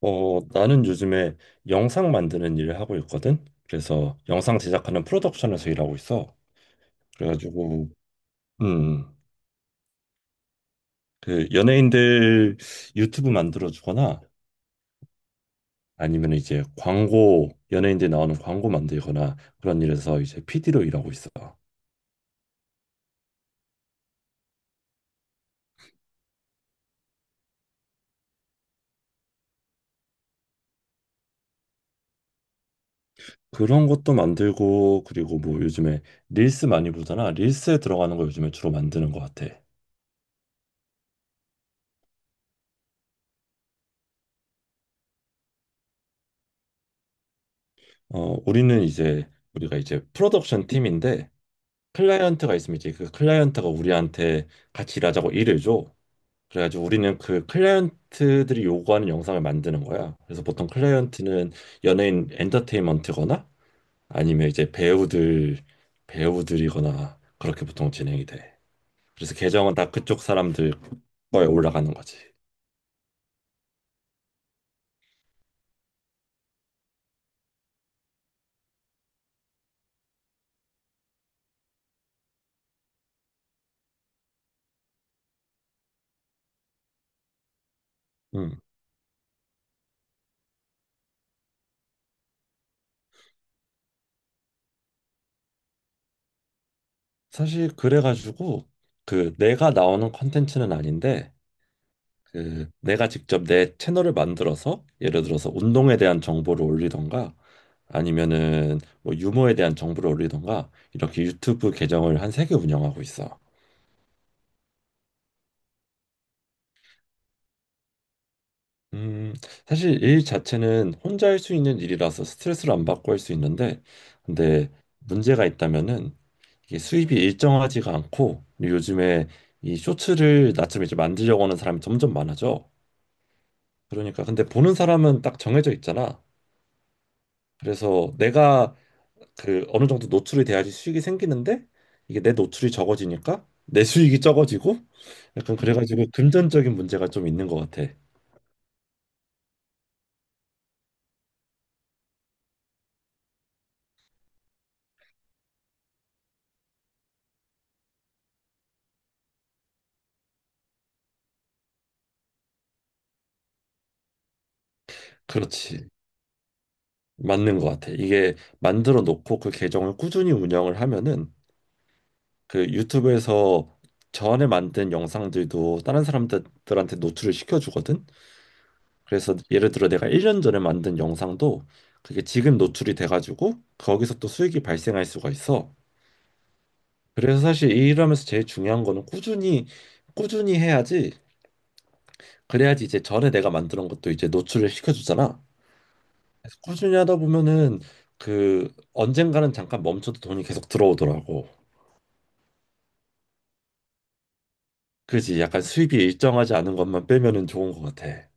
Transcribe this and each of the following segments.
어, 나는 요즘에 영상 만드는 일을 하고 있거든. 그래서 영상 제작하는 프로덕션에서 일하고 있어. 그래가지고, 음, 그 연예인들 유튜브 만들어주거나 아니면 이제 광고, 연예인들 나오는 광고 만들거나 그런 일에서 이제 PD로 일하고 있어. 그런 것도 만들고, 그리고 뭐 요즘에 릴스 많이 보잖아. 릴스에 들어가는 거 요즘에 주로 만드는 것 같아. 어, 우리가 이제 프로덕션 팀인데, 클라이언트가 있으면 이제 그 클라이언트가 우리한테 같이 일하자고 일을 줘. 그래가지고 우리는 그 클라이언트들이 요구하는 영상을 만드는 거야. 그래서 보통 클라이언트는 연예인 엔터테인먼트거나 아니면 이제 배우들이거나 그렇게 보통 진행이 돼. 그래서 계정은 다 그쪽 사람들 거에 올라가는 거지. 음. 사실 그래가지고 그 내가 나오는 컨텐츠는 아닌데 그 내가 직접 내 채널을 만들어서 예를 들어서 운동에 대한 정보를 올리던가 아니면은 뭐 유머에 대한 정보를 올리던가 이렇게 유튜브 계정을 한 3개 운영하고 있어. 음, 사실 일 자체는 혼자 할 수 있는 일이라서 스트레스를 안 받고 할 수 있는데 근데 문제가 있다면은 이게 수입이 일정하지가 않고 그리고 요즘에 이 쇼츠를 나처럼 이제 만들려고 하는 사람이 점점 많아져. 그러니까 근데 보는 사람은 딱 정해져 있잖아. 그래서 내가 그 어느 정도 노출이 돼야지 수익이 생기는데 이게 내 노출이 적어지니까 내 수익이 적어지고 약간 그래가지고 금전적인 문제가 좀 있는 것 같아. 그렇지. 맞는 것 같아. 이게 만들어 놓고 그 계정을 꾸준히 운영을 하면은 그 유튜브에서 전에 만든 영상들도 다른 사람들한테 노출을 시켜주거든. 그래서 예를 들어 내가 1년 전에 만든 영상도 그게 지금 노출이 돼가지고 거기서 또 수익이 발생할 수가 있어. 그래서 사실 일하면서 제일 중요한 거는 꾸준히 꾸준히 해야지 그래야지 이제 전에 내가 만드는 것도 이제 노출을 시켜주잖아. 그래서 꾸준히 하다 보면은 그 언젠가는 잠깐 멈춰도 돈이 계속 들어오더라고. 그지? 약간 수입이 일정하지 않은 것만 빼면은 좋은 것 같아.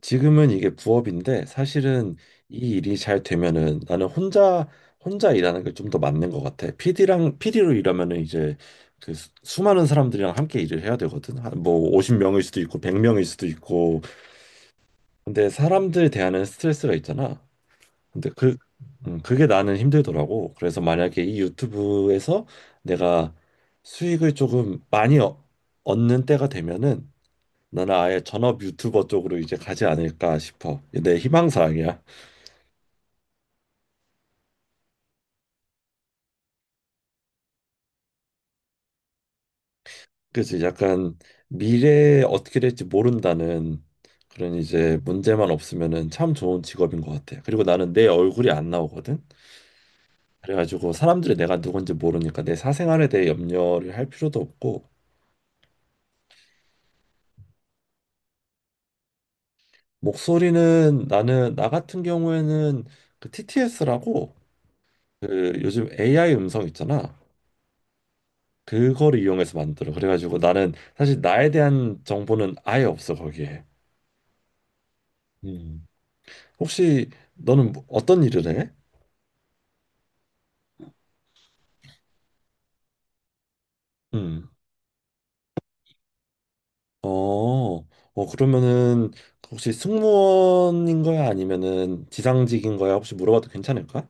지금은 이게 부업인데 사실은 이 일이 잘 되면은 나는 혼자 일하는 게 좀 더 맞는 것 같아. PD랑 피디로 일하면은 이제 그 수많은 사람들이랑 함께 일을 해야 되거든. 한 뭐 50명일 수도 있고 100명일 수도 있고. 근데 사람들 대하는 스트레스가 있잖아. 근데 그 그게 나는 힘들더라고. 그래서 만약에 이 유튜브에서 내가 수익을 조금 많이 얻는 때가 되면은 나는 아예 전업 유튜버 쪽으로 이제 가지 않을까 싶어. 내 희망사항이야. 그래서 약간 미래에 어떻게 될지 모른다는 그런 이제 문제만 없으면은 참 좋은 직업인 것 같아. 그리고 나는 내 얼굴이 안 나오거든. 그래가지고 사람들이 내가 누군지 모르니까 내 사생활에 대해 염려를 할 필요도 없고 목소리는 나는 나 같은 경우에는 그 TTS라고 그 요즘 AI 음성 있잖아. 그거를 이용해서 만들어. 그래가지고 나는 사실 나에 대한 정보는 아예 없어 거기에. 음. 혹시 너는 어떤 일을 해? 음. 어, 어 그러면은 혹시 승무원인 거야 아니면은 지상직인 거야? 혹시 물어봐도 괜찮을까?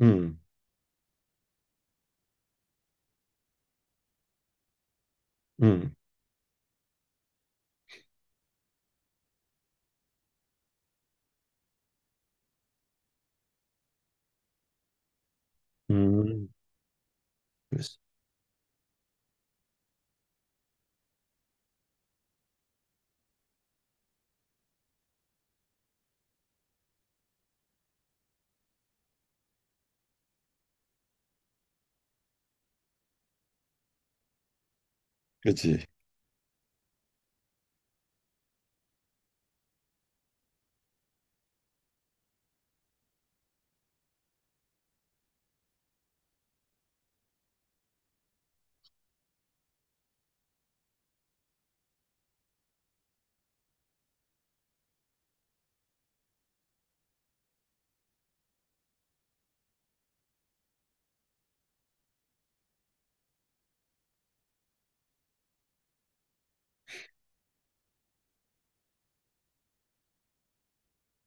음, 음, 음. 그치. 그치.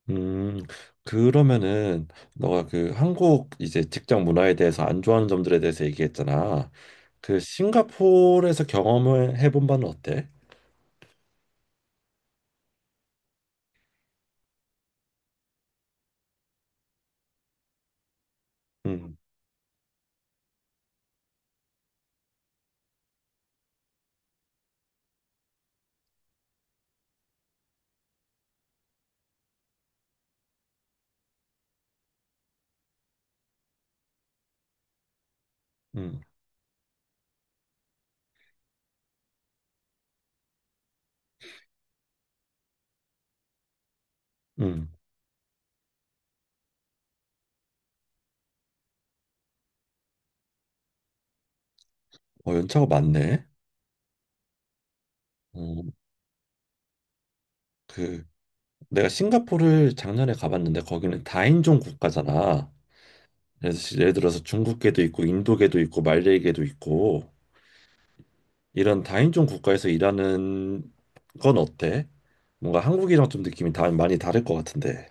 음, 그러면은 너가 그 한국 이제 직장 문화에 대해서 안 좋아하는 점들에 대해서 얘기했잖아. 그 싱가포르에서 경험을 해본 바는 어때? 음, 음, 음. 어, 연차가 많네. 어, 그 내가 싱가포르를 작년에 가봤는데 거기는 다인종 국가잖아. 그래서 예를 들어서 중국계도 있고 인도계도 있고 말레이계도 있고 이런 다인종 국가에서 일하는 건 어때? 뭔가 한국이랑 좀 느낌이 다 많이 다를 것 같은데.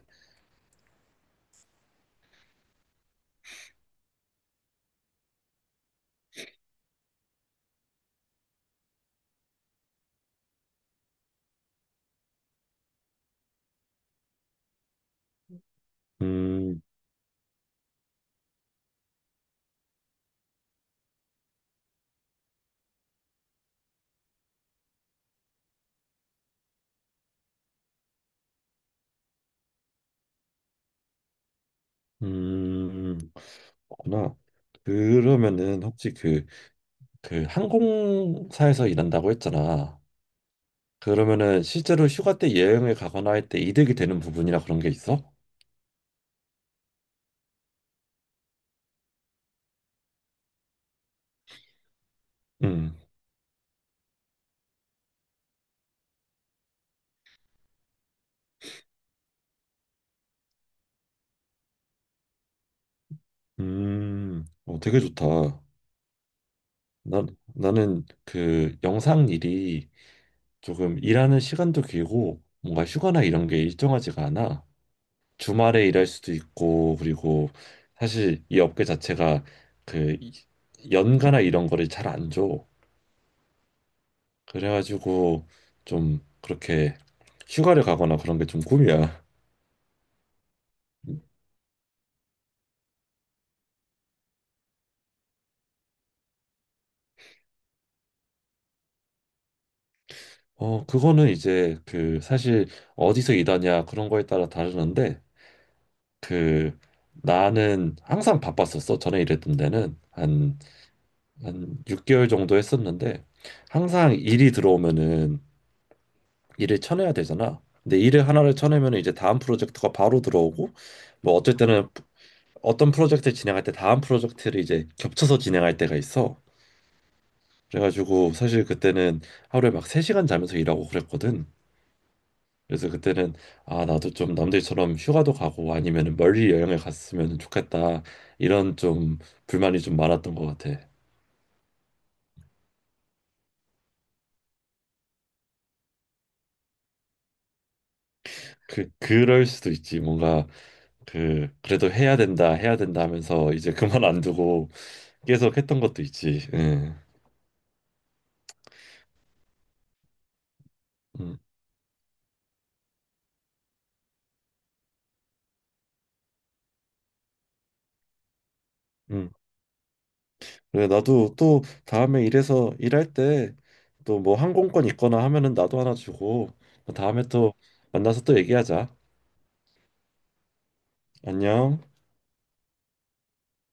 음, 음, 그렇구나. 그러면은 혹시 그 항공사에서 일한다고 했잖아. 그러면은 실제로 휴가 때 여행을 가거나 할 때 이득이 되는 부분이나 그런 게 있어? 음, 어, 되게 좋다. 난, 나는 그 영상 일이 조금 일하는 시간도 길고 뭔가 휴가나 이런 게 일정하지가 않아. 주말에 일할 수도 있고 그리고 사실 이 업계 자체가 그 연가나 이런 거를 잘 안 줘. 그래가지고 좀 그렇게 휴가를 가거나 그런 게 좀 꿈이야. 어, 그거는 이제 그 사실 어디서 일하냐 그런 거에 따라 다르는데 그 나는 항상 바빴었어. 전에 일했던 데는 한 6개월 정도 했었는데 항상 일이 들어오면은 일을 쳐내야 되잖아. 근데 일을 하나를 쳐내면 이제 다음 프로젝트가 바로 들어오고 뭐 어쩔 때는 어떤 프로젝트를 진행할 때 다음 프로젝트를 이제 겹쳐서 진행할 때가 있어. 그래가지고 사실 그때는 하루에 막 3시간 자면서 일하고 그랬거든. 그래서 그때는 아 나도 좀 남들처럼 휴가도 가고 아니면 멀리 여행을 갔으면 좋겠다 이런 좀 불만이 좀 많았던 것 같아. 그 그럴 수도 있지 뭔가 그 그래도 해야 된다 해야 된다 하면서 이제 그만 안 두고 계속 했던 것도 있지. 예. 음, 음. 그래 나도 또 다음에 일해서 일할 때 또 뭐 항공권 있거나 하면은 나도 하나 주고 다음에 또 만나서 또 얘기하자. 안녕.